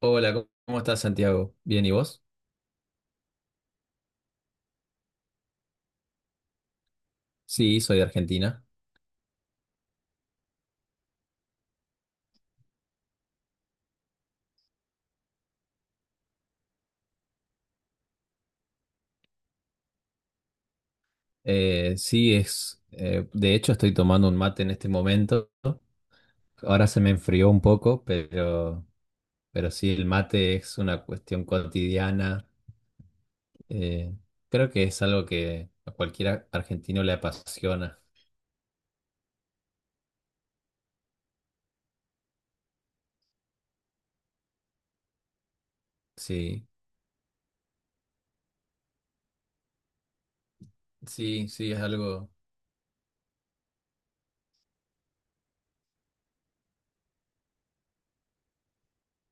Hola, ¿cómo estás, Santiago? Bien, ¿y vos? Sí, soy de Argentina. Sí, es. De hecho, estoy tomando un mate en este momento. Ahora se me enfrió un poco, pero sí, el mate es una cuestión cotidiana. Eh, Creo que es algo que a cualquier argentino le apasiona. Sí, sí, sí, es algo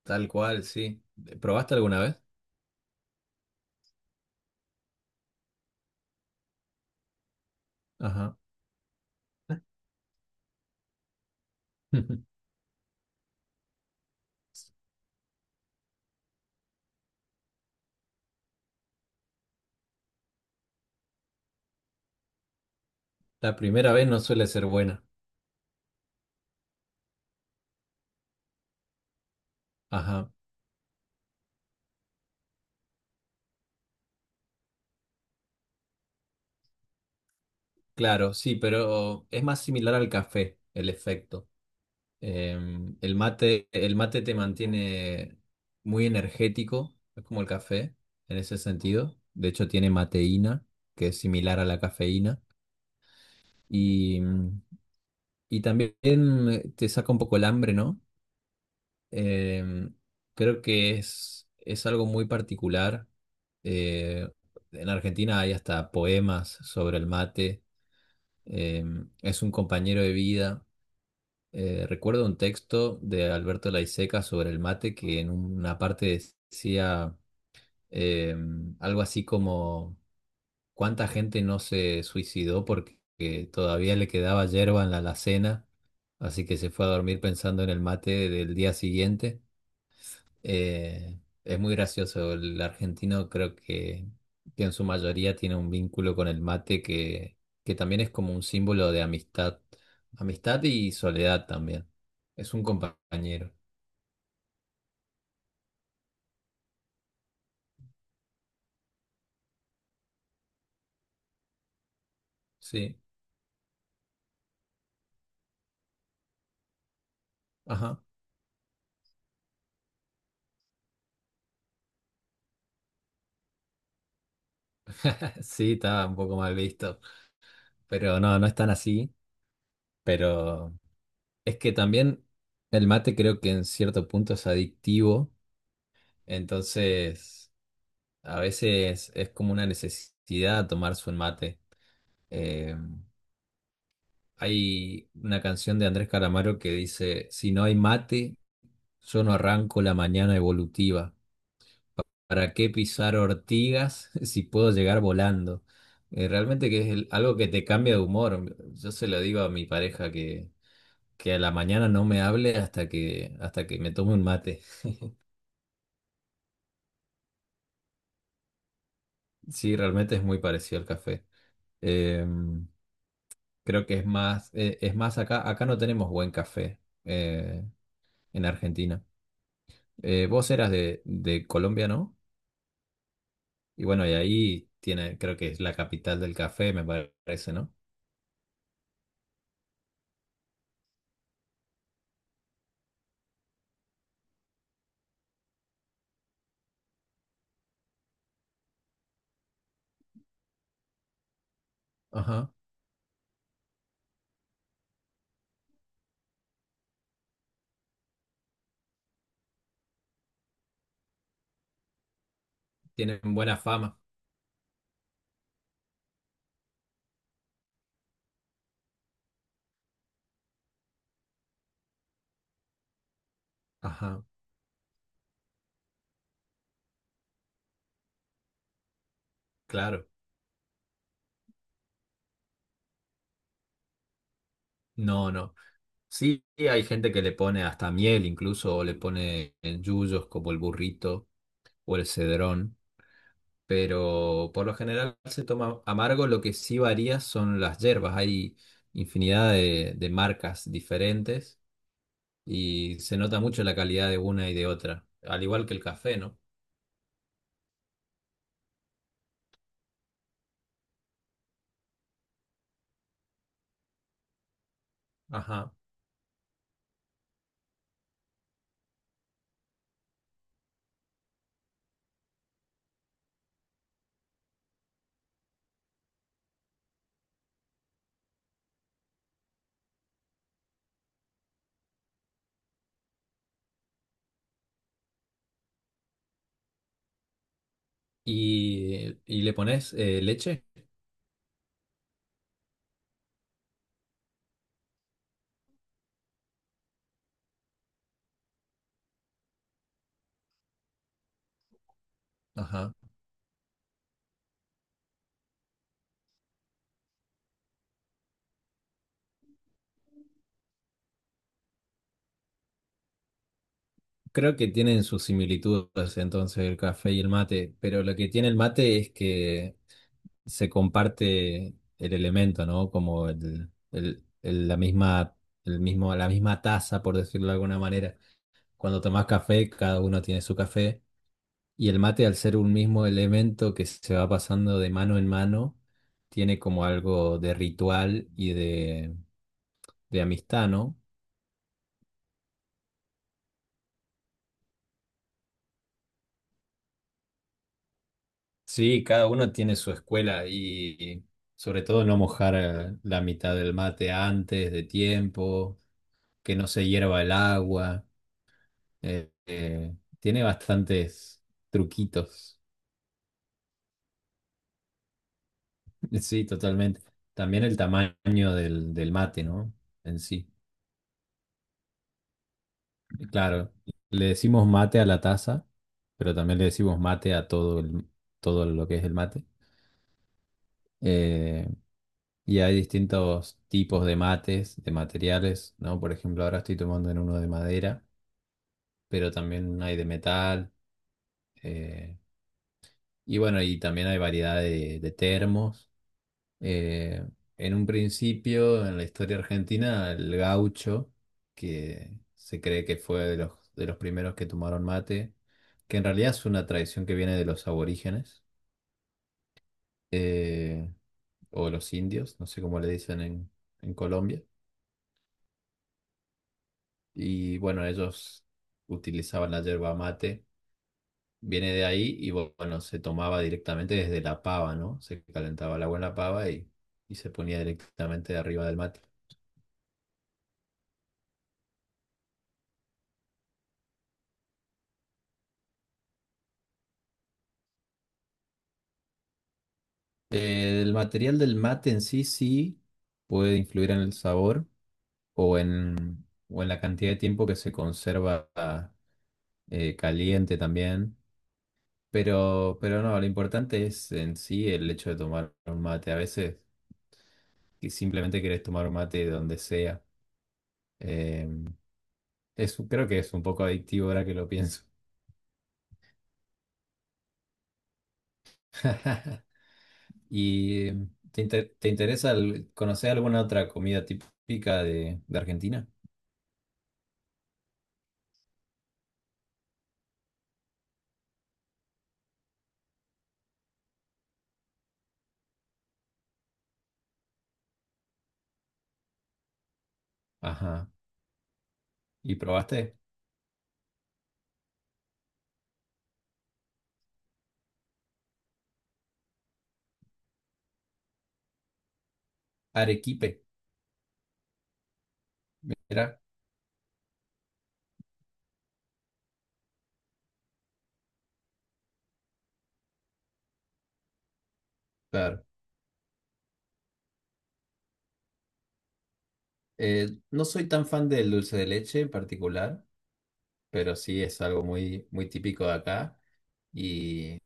tal cual, sí. ¿Probaste alguna vez? Ajá. La primera vez no suele ser buena. Ajá. Claro, sí, pero es más similar al café el efecto. El mate, el mate te mantiene muy energético, es como el café en ese sentido. De hecho, tiene mateína, que es similar a la cafeína. Y, y también te saca un poco el hambre, ¿no? Em, Creo que es algo muy particular. Eh, en Argentina hay hasta poemas sobre el mate. Es un compañero de vida. Recuerdo un texto de Alberto Laiseca sobre el mate que en una parte decía eh, algo así como ¿cuánta gente no se suicidó porque que todavía le quedaba yerba en la alacena? Así que se fue a dormir pensando en el mate del día siguiente. Es muy gracioso. El argentino creo que en su mayoría tiene un vínculo con el mate que también es como un símbolo de amistad. Amistad y soledad también. Es un compañero. Sí. Ajá. Sí, está un poco mal visto. Pero no, no es tan así. Pero es que también el mate creo que en cierto punto es adictivo. Entonces, a veces es como una necesidad tomar su mate. Eh, Hay una canción de Andrés Calamaro que dice, si no hay mate, yo no arranco la mañana evolutiva. ¿Para qué pisar ortigas si puedo llegar volando? Realmente que es algo que te cambia de humor. Yo se lo digo a mi pareja que a la mañana no me hable hasta que me tome un mate. Sí, realmente es muy parecido al café. Eh, Creo que es más acá, acá no tenemos buen café eh, en Argentina. Vos eras de Colombia, ¿no? Y bueno, y ahí tiene, creo que es la capital del café, me parece, ¿no? Ajá. Tienen buena fama. Ajá, claro. No, no. Sí, hay gente que le pone hasta miel incluso, o le pone en yuyos como el burrito o el cedrón, pero por lo general se toma amargo. Lo que sí varía son las hierbas. Hay infinidad de marcas diferentes y se nota mucho la calidad de una y de otra, al igual que el café, ¿no? Ajá. Y le pones leche. Ajá. Creo que tienen sus similitudes entonces el café y el mate, pero lo que tiene el mate es que se comparte el elemento, ¿no? Como el, la misma, el mismo, la misma taza, por decirlo de alguna manera. Cuando tomás café, cada uno tiene su café. Y el mate, al ser un mismo elemento que se va pasando de mano en mano, tiene como algo de ritual y de amistad, ¿no? Sí, cada uno tiene su escuela y sobre todo no mojar la mitad del mate antes de tiempo, que no se hierva el agua. Tiene bastantes truquitos. Sí, totalmente. También el tamaño del, del mate, ¿no? En sí. Claro, le decimos mate a la taza, pero también le decimos mate a todo, todo lo que es el mate. Eh, Y hay distintos tipos de mates, de materiales, ¿no? Por ejemplo, ahora estoy tomando en uno de madera, pero también hay de metal. eh, y bueno, y también hay variedad de termos. Eh, en un principio, en la historia argentina, el gaucho, que se cree que fue de los primeros que tomaron mate, que en realidad es una tradición que viene de los aborígenes, eh, o los indios, no sé cómo le dicen en Colombia. Y bueno, ellos utilizaban la yerba mate, viene de ahí y bueno, se tomaba directamente desde la pava, ¿no? Se calentaba el agua en la pava y se ponía directamente arriba del mate. El material del mate en sí sí puede influir en el sabor o en la cantidad de tiempo que se conserva caliente también, pero no, lo importante es en sí el hecho de tomar un mate. A veces que simplemente querés tomar un mate donde sea. Eh, es, creo que es un poco adictivo ahora que lo pienso. ¿Y te, te interesa conocer alguna otra comida típica de Argentina? Ajá. ¿Y probaste arequipe? Mira, claro. No soy tan fan del dulce de leche en particular, pero sí es algo muy, muy típico de acá y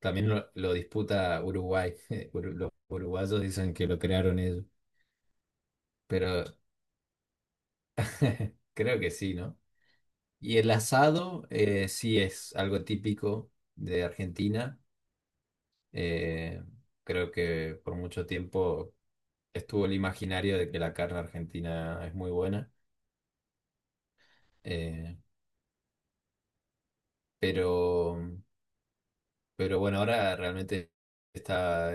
también lo disputa Uruguay. Los uruguayos dicen que lo crearon ellos, pero creo que sí, ¿no? Y el asado sí es algo típico de Argentina. Eh, Creo que por mucho tiempo estuvo el imaginario de que la carne argentina es muy buena. eh, pero, pero bueno, ahora realmente está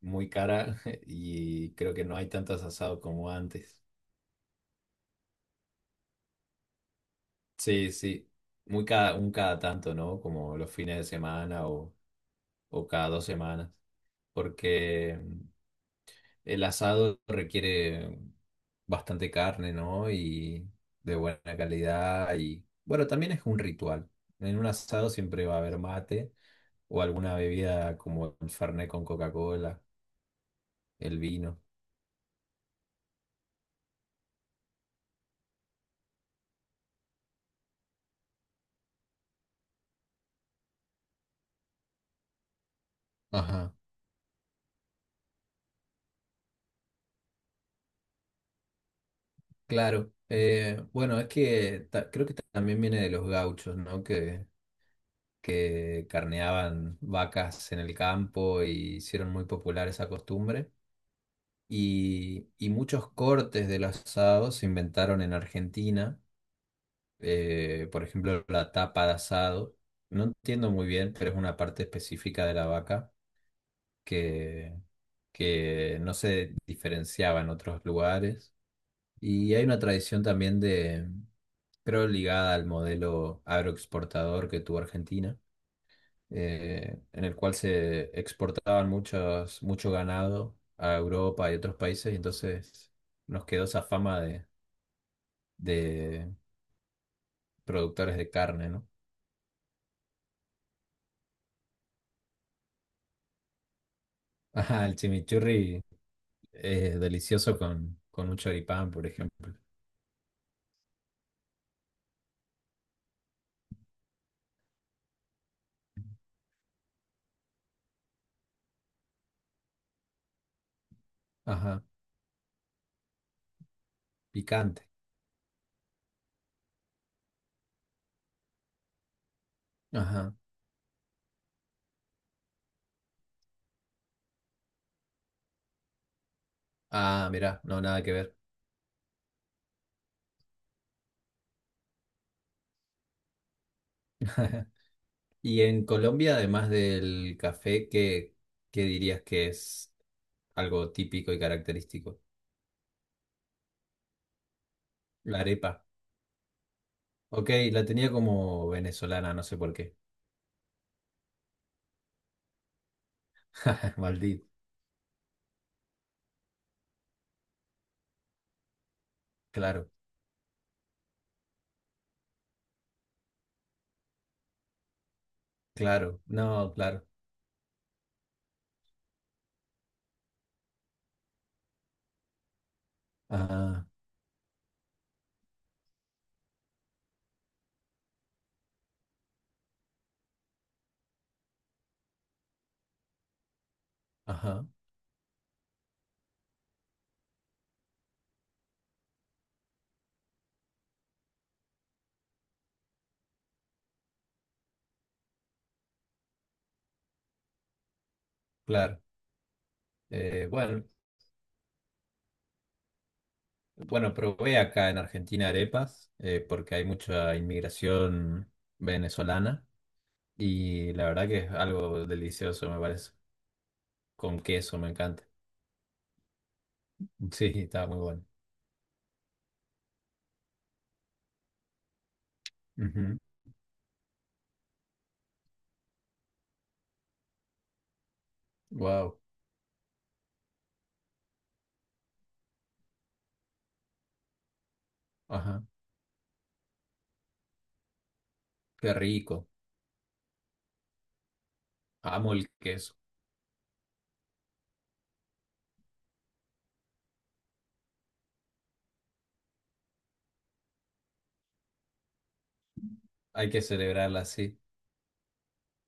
muy cara y creo que no hay tantos asados como antes. Sí, sí. Muy cada, un cada tanto, ¿no? Como los fines de semana o cada dos semanas. Porque el asado requiere bastante carne, ¿no? Y de buena calidad. Y bueno, también es un ritual. En un asado siempre va a haber mate o alguna bebida como el Fernet con Coca-Cola, el vino. Ajá, claro. Bueno, es que creo que también viene de los gauchos, ¿no? Que carneaban vacas en el campo y hicieron muy popular esa costumbre. Y muchos cortes del asado se inventaron en Argentina. Por ejemplo, la tapa de asado. No entiendo muy bien, pero es una parte específica de la vaca que, que no se diferenciaba en otros lugares. Y hay una tradición también de, creo, ligada al modelo agroexportador que tuvo Argentina en el cual se exportaban muchos, mucho ganado a Europa y otros países, y entonces nos quedó esa fama de productores de carne, ¿no? Ajá, el chimichurri es delicioso con un choripán, por ejemplo. Ajá, picante. Ajá. Ah, mirá, no, nada que ver. Y en Colombia, además del café, ¿qué, qué dirías que es algo típico y característico? La arepa. Ok, la tenía como venezolana, no sé por qué. Maldito, claro, claro, no, claro, ajá, ajá, claro. Bueno, bueno, probé acá en Argentina arepas porque hay mucha inmigración venezolana y la verdad que es algo delicioso, me parece. Con queso, me encanta. Sí, está muy bueno. Wow, ajá, qué rico. Amo el queso. Hay que celebrarla así.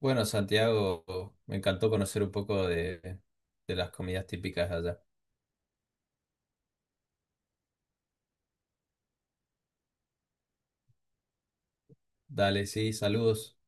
Bueno, Santiago, me encantó conocer un poco de las comidas típicas de allá. Dale, sí, saludos.